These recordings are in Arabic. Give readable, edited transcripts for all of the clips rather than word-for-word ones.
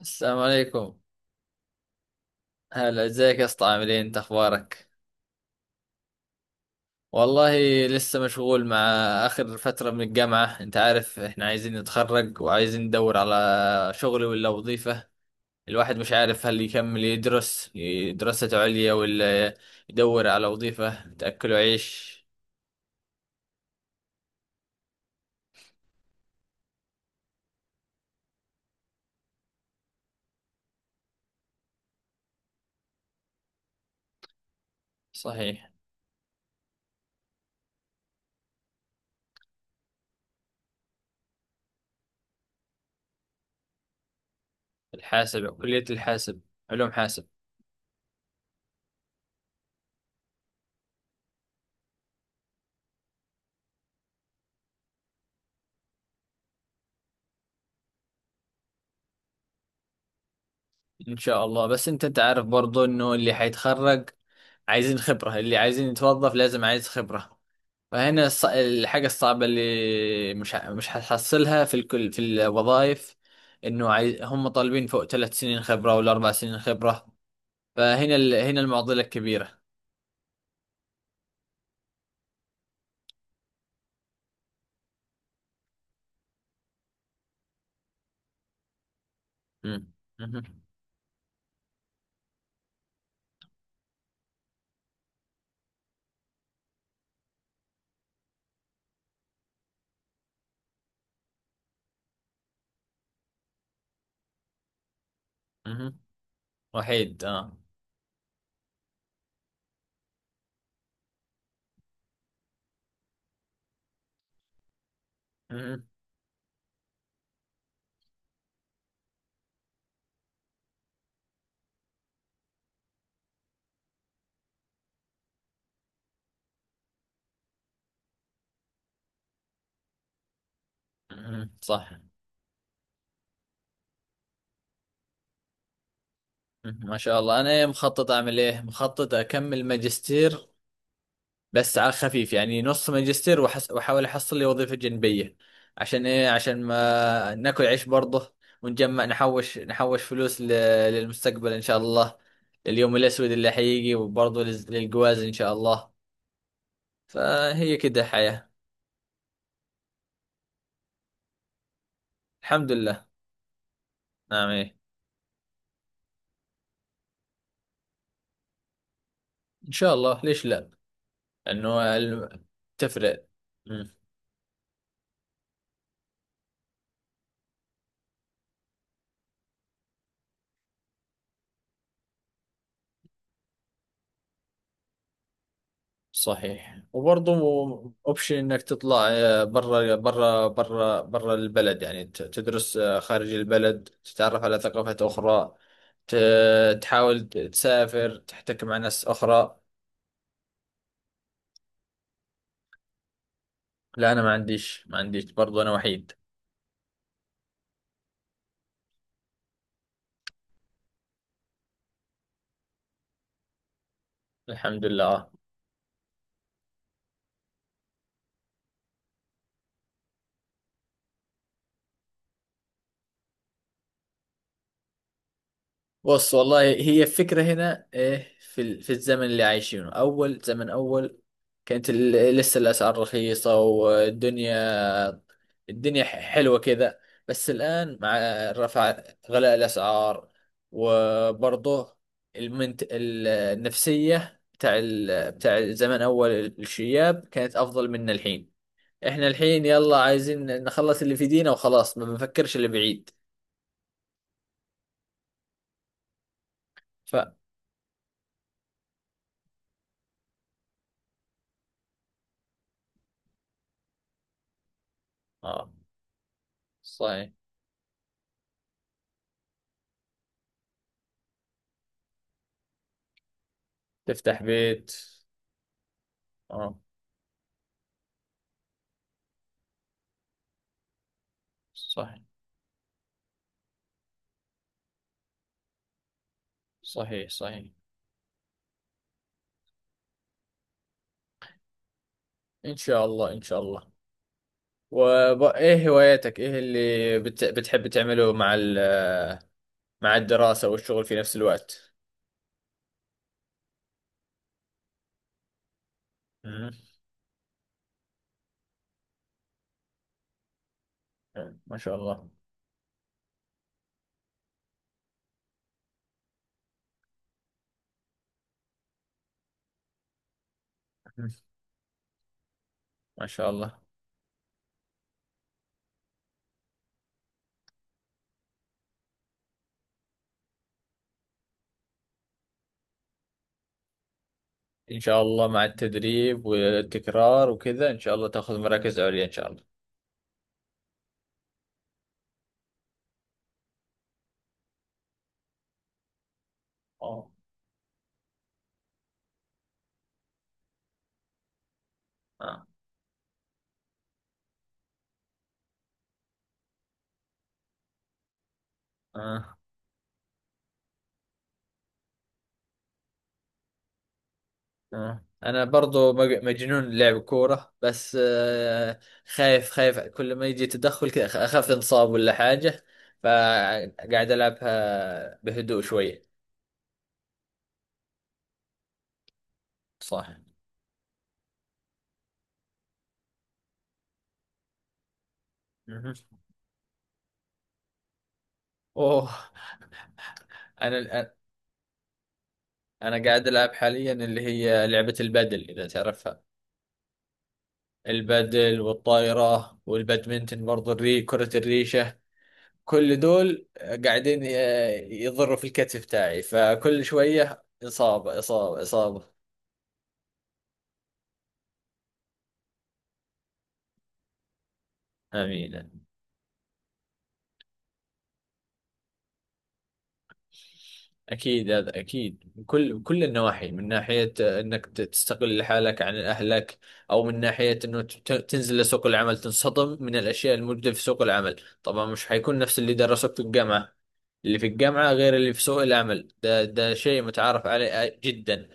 السلام عليكم. هلا، ازيك يا اسطى؟ عاملين انت اخبارك؟ والله لسه مشغول مع اخر فترة من الجامعة. انت عارف احنا عايزين نتخرج وعايزين ندور على شغل ولا وظيفة. الواحد مش عارف هل يكمل يدرس دراسة عليا ولا يدور على وظيفة تأكله عيش. صحيح. الحاسب، كلية الحاسب. علوم حاسب. ان شاء الله، بس انت تعرف برضو انه اللي هيتخرج عايزين خبرة، اللي عايزين يتوظف لازم عايز خبرة. فهنا الحاجة الصعبة اللي مش مش هتحصلها في الكل في الوظائف، انه عايز، هم طالبين فوق 3 سنين خبرة ولا 4 سنين خبرة. فهنا هنا المعضلة الكبيرة. مم. مهم. مهم. وحيد اه. مهم. مهم. صح. مهم. ما شاء الله، انا مخطط اعمل ايه، مخطط اكمل ماجستير، بس على خفيف يعني نص ماجستير، وحاول احصل لي وظيفة جنبية، عشان ايه؟ عشان ما ناكل عيش برضه ونجمع نحوش فلوس للمستقبل ان شاء الله، لليوم الاسود اللي حيجي، وبرضه للجواز ان شاء الله. فهي كده حياة. الحمد لله. نعم إيه. ان شاء الله، ليش لا؟ انه ال- تفرق. صحيح. وبرضه اوبشن انك تطلع برا برا برا برا البلد، يعني تدرس خارج البلد، تتعرف على ثقافات اخرى، تحاول تسافر تحتك مع ناس اخرى. لا انا ما عنديش، ما عنديش برضه، انا وحيد. الحمد لله آه. بص، والله هي الفكرة هنا إيه، في في الزمن اللي عايشينه، اول زمن، اول كانت لسه الاسعار رخيصة، والدنيا، الدنيا حلوة كذا. بس الآن مع رفع غلاء الأسعار، وبرضه النفسية بتاع بتاع زمان، أول الشياب كانت أفضل من الحين. إحنا الحين يلا عايزين نخلص اللي في دينا وخلاص، ما بنفكرش اللي بعيد. ف آه. صحيح. تفتح بيت. آه. صحيح. صحيح. صحيح. إن شاء الله، إن شاء الله. وإيه هواياتك؟ إيه اللي بتحب تعمله مع مع الدراسة والشغل في نفس الوقت؟ مم. ما شاء الله. مم. ما شاء الله. إن شاء الله، مع التدريب والتكرار وكذا إن شاء الله تأخذ مراكز عليا إن شاء الله. آه. آه. آه. آه، أنا برضو مجنون لعب كورة، بس آه خايف، خايف كل ما يجي تدخل كذا أخاف انصاب ولا حاجة، فقاعد ألعبها بهدوء شوية. صح. مهم. اوه. انا انا قاعد العب حاليا اللي هي لعبة البادل اذا تعرفها. البادل والطايرة والبادمنتن برضه، كرة الريشة، كل دول قاعدين يضروا في الكتف تاعي، فكل شوية إصابة إصابة إصابة. آمين. أكيد، هذا أكيد، من كل النواحي، من ناحية إنك تستقل حالك عن أهلك، أو من ناحية إنه تنزل لسوق العمل تنصدم من الأشياء الموجودة في سوق العمل. طبعا مش حيكون نفس اللي درسوك في الجامعة، اللي في الجامعة غير اللي في سوق العمل، ده شيء متعارف عليه جدا.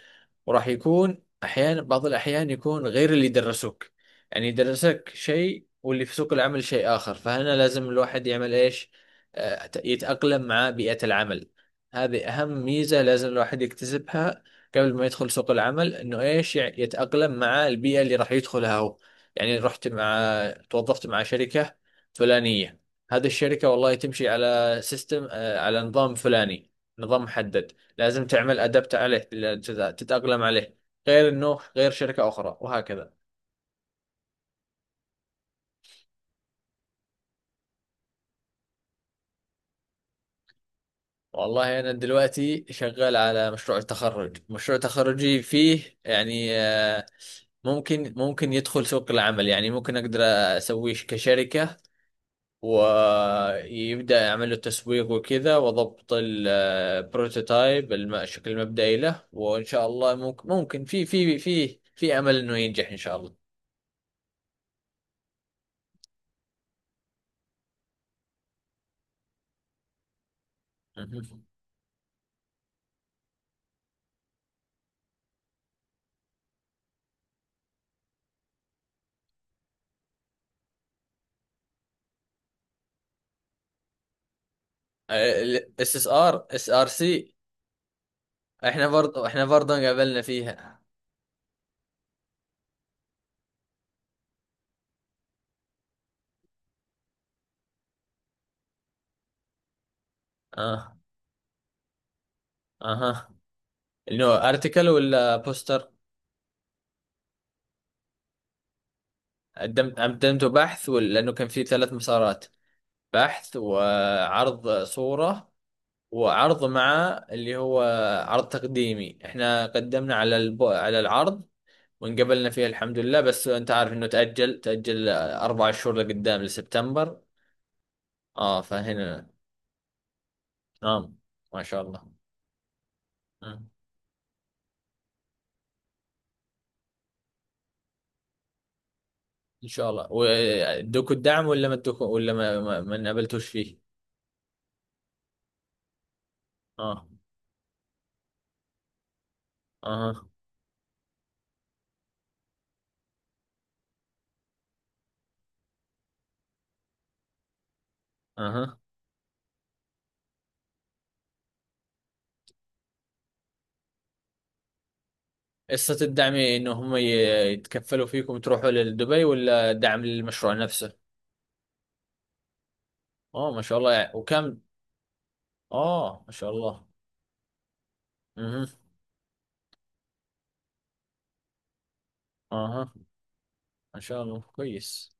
وراح يكون أحيانا، بعض الأحيان، يكون غير اللي درسوك، يعني درسك شيء واللي في سوق العمل شيء آخر. فهنا لازم الواحد يعمل إيش؟ يتأقلم مع بيئة العمل. هذه أهم ميزة لازم الواحد يكتسبها قبل ما يدخل سوق العمل، إنه إيش يتأقلم مع البيئة اللي راح يدخلها هو. يعني رحت، مع توظفت مع شركة فلانية، هذه الشركة والله تمشي على سيستم، على نظام فلاني، نظام محدد، لازم تعمل أدبت عليه تتأقلم عليه، غير إنه غير شركة أخرى، وهكذا. والله أنا دلوقتي شغال على مشروع التخرج، مشروع تخرجي فيه يعني ممكن يدخل سوق العمل يعني، ممكن اقدر اسويه كشركة، ويبدأ يعمل له تسويق وكذا وضبط البروتوتايب، الشكل المبدئي له، وان شاء الله ممكن في امل انه ينجح ان شاء الله. مهم. الاس اس ار، اس ار سي. احنا برضه قابلنا فيها. اه. اها. انه ارتكل ولا بوستر؟ قدمته بحث ولا، لانه كان في 3 مسارات: بحث، وعرض صورة، وعرض مع اللي هو عرض تقديمي. احنا قدمنا على على العرض وانقبلنا فيه الحمد لله، بس انت عارف انه تأجل 4 شهور لقدام لسبتمبر. اه فهنا. نعم. ما شاء الله. آه. ان شاء الله، وادوكوا الدعم ولا ما ادوكوا، ولا ما انقبلتوش فيه؟ اه. اها. اها. قصة الدعم انه هم يتكفلوا فيكم تروحوا لدبي، ولا دعم للمشروع نفسه؟ اه ما شاء الله، يعني وكم؟ اه ما شاء الله. اها. اها. ما شاء الله كويس.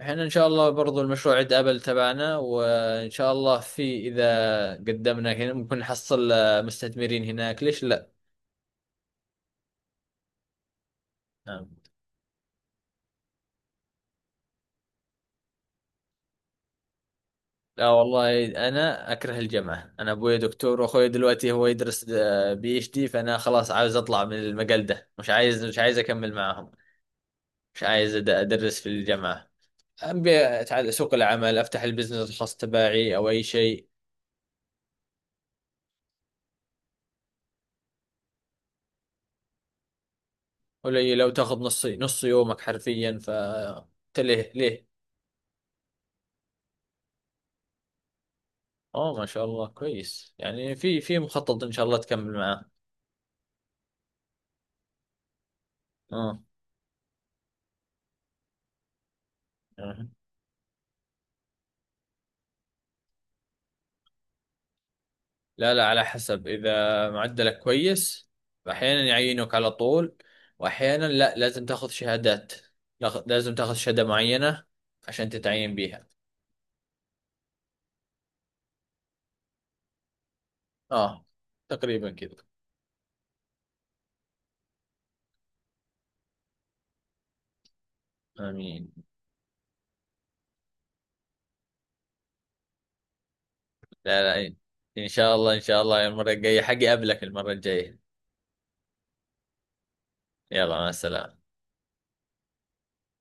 احنا ان شاء الله برضو المشروع عند ابل تبعنا، وان شاء الله في، اذا قدمنا هنا ممكن نحصل مستثمرين هناك، ليش لا؟ نعم. لا والله، انا اكره الجامعه، انا ابوي دكتور واخوي دلوقتي هو يدرس بي اتش دي، فانا خلاص عاوز اطلع من المجال ده، مش عايز اكمل معاهم، مش عايز ادرس في الجامعه، ابي اتعلم سوق العمل، افتح البزنس الخاص تبعي او اي شيء. قليلة وتاخذ نص نص يومك حرفيا، فانت ليه، ليه. اه ما شاء الله كويس، يعني في، في مخطط ان شاء الله تكمل معاه. اه. آه. لا لا، على حسب. اذا معدلك كويس احيانا يعينوك على طول، واحيانا لا، لازم تاخذ شهادات، لازم تاخذ شهادة معينة عشان تتعين بيها. اه، تقريبا كذا. امين. لا لا، ان شاء الله، ان شاء الله المرة الجاية حقي اقابلك المرة الجاية. يلا، مع السلامة.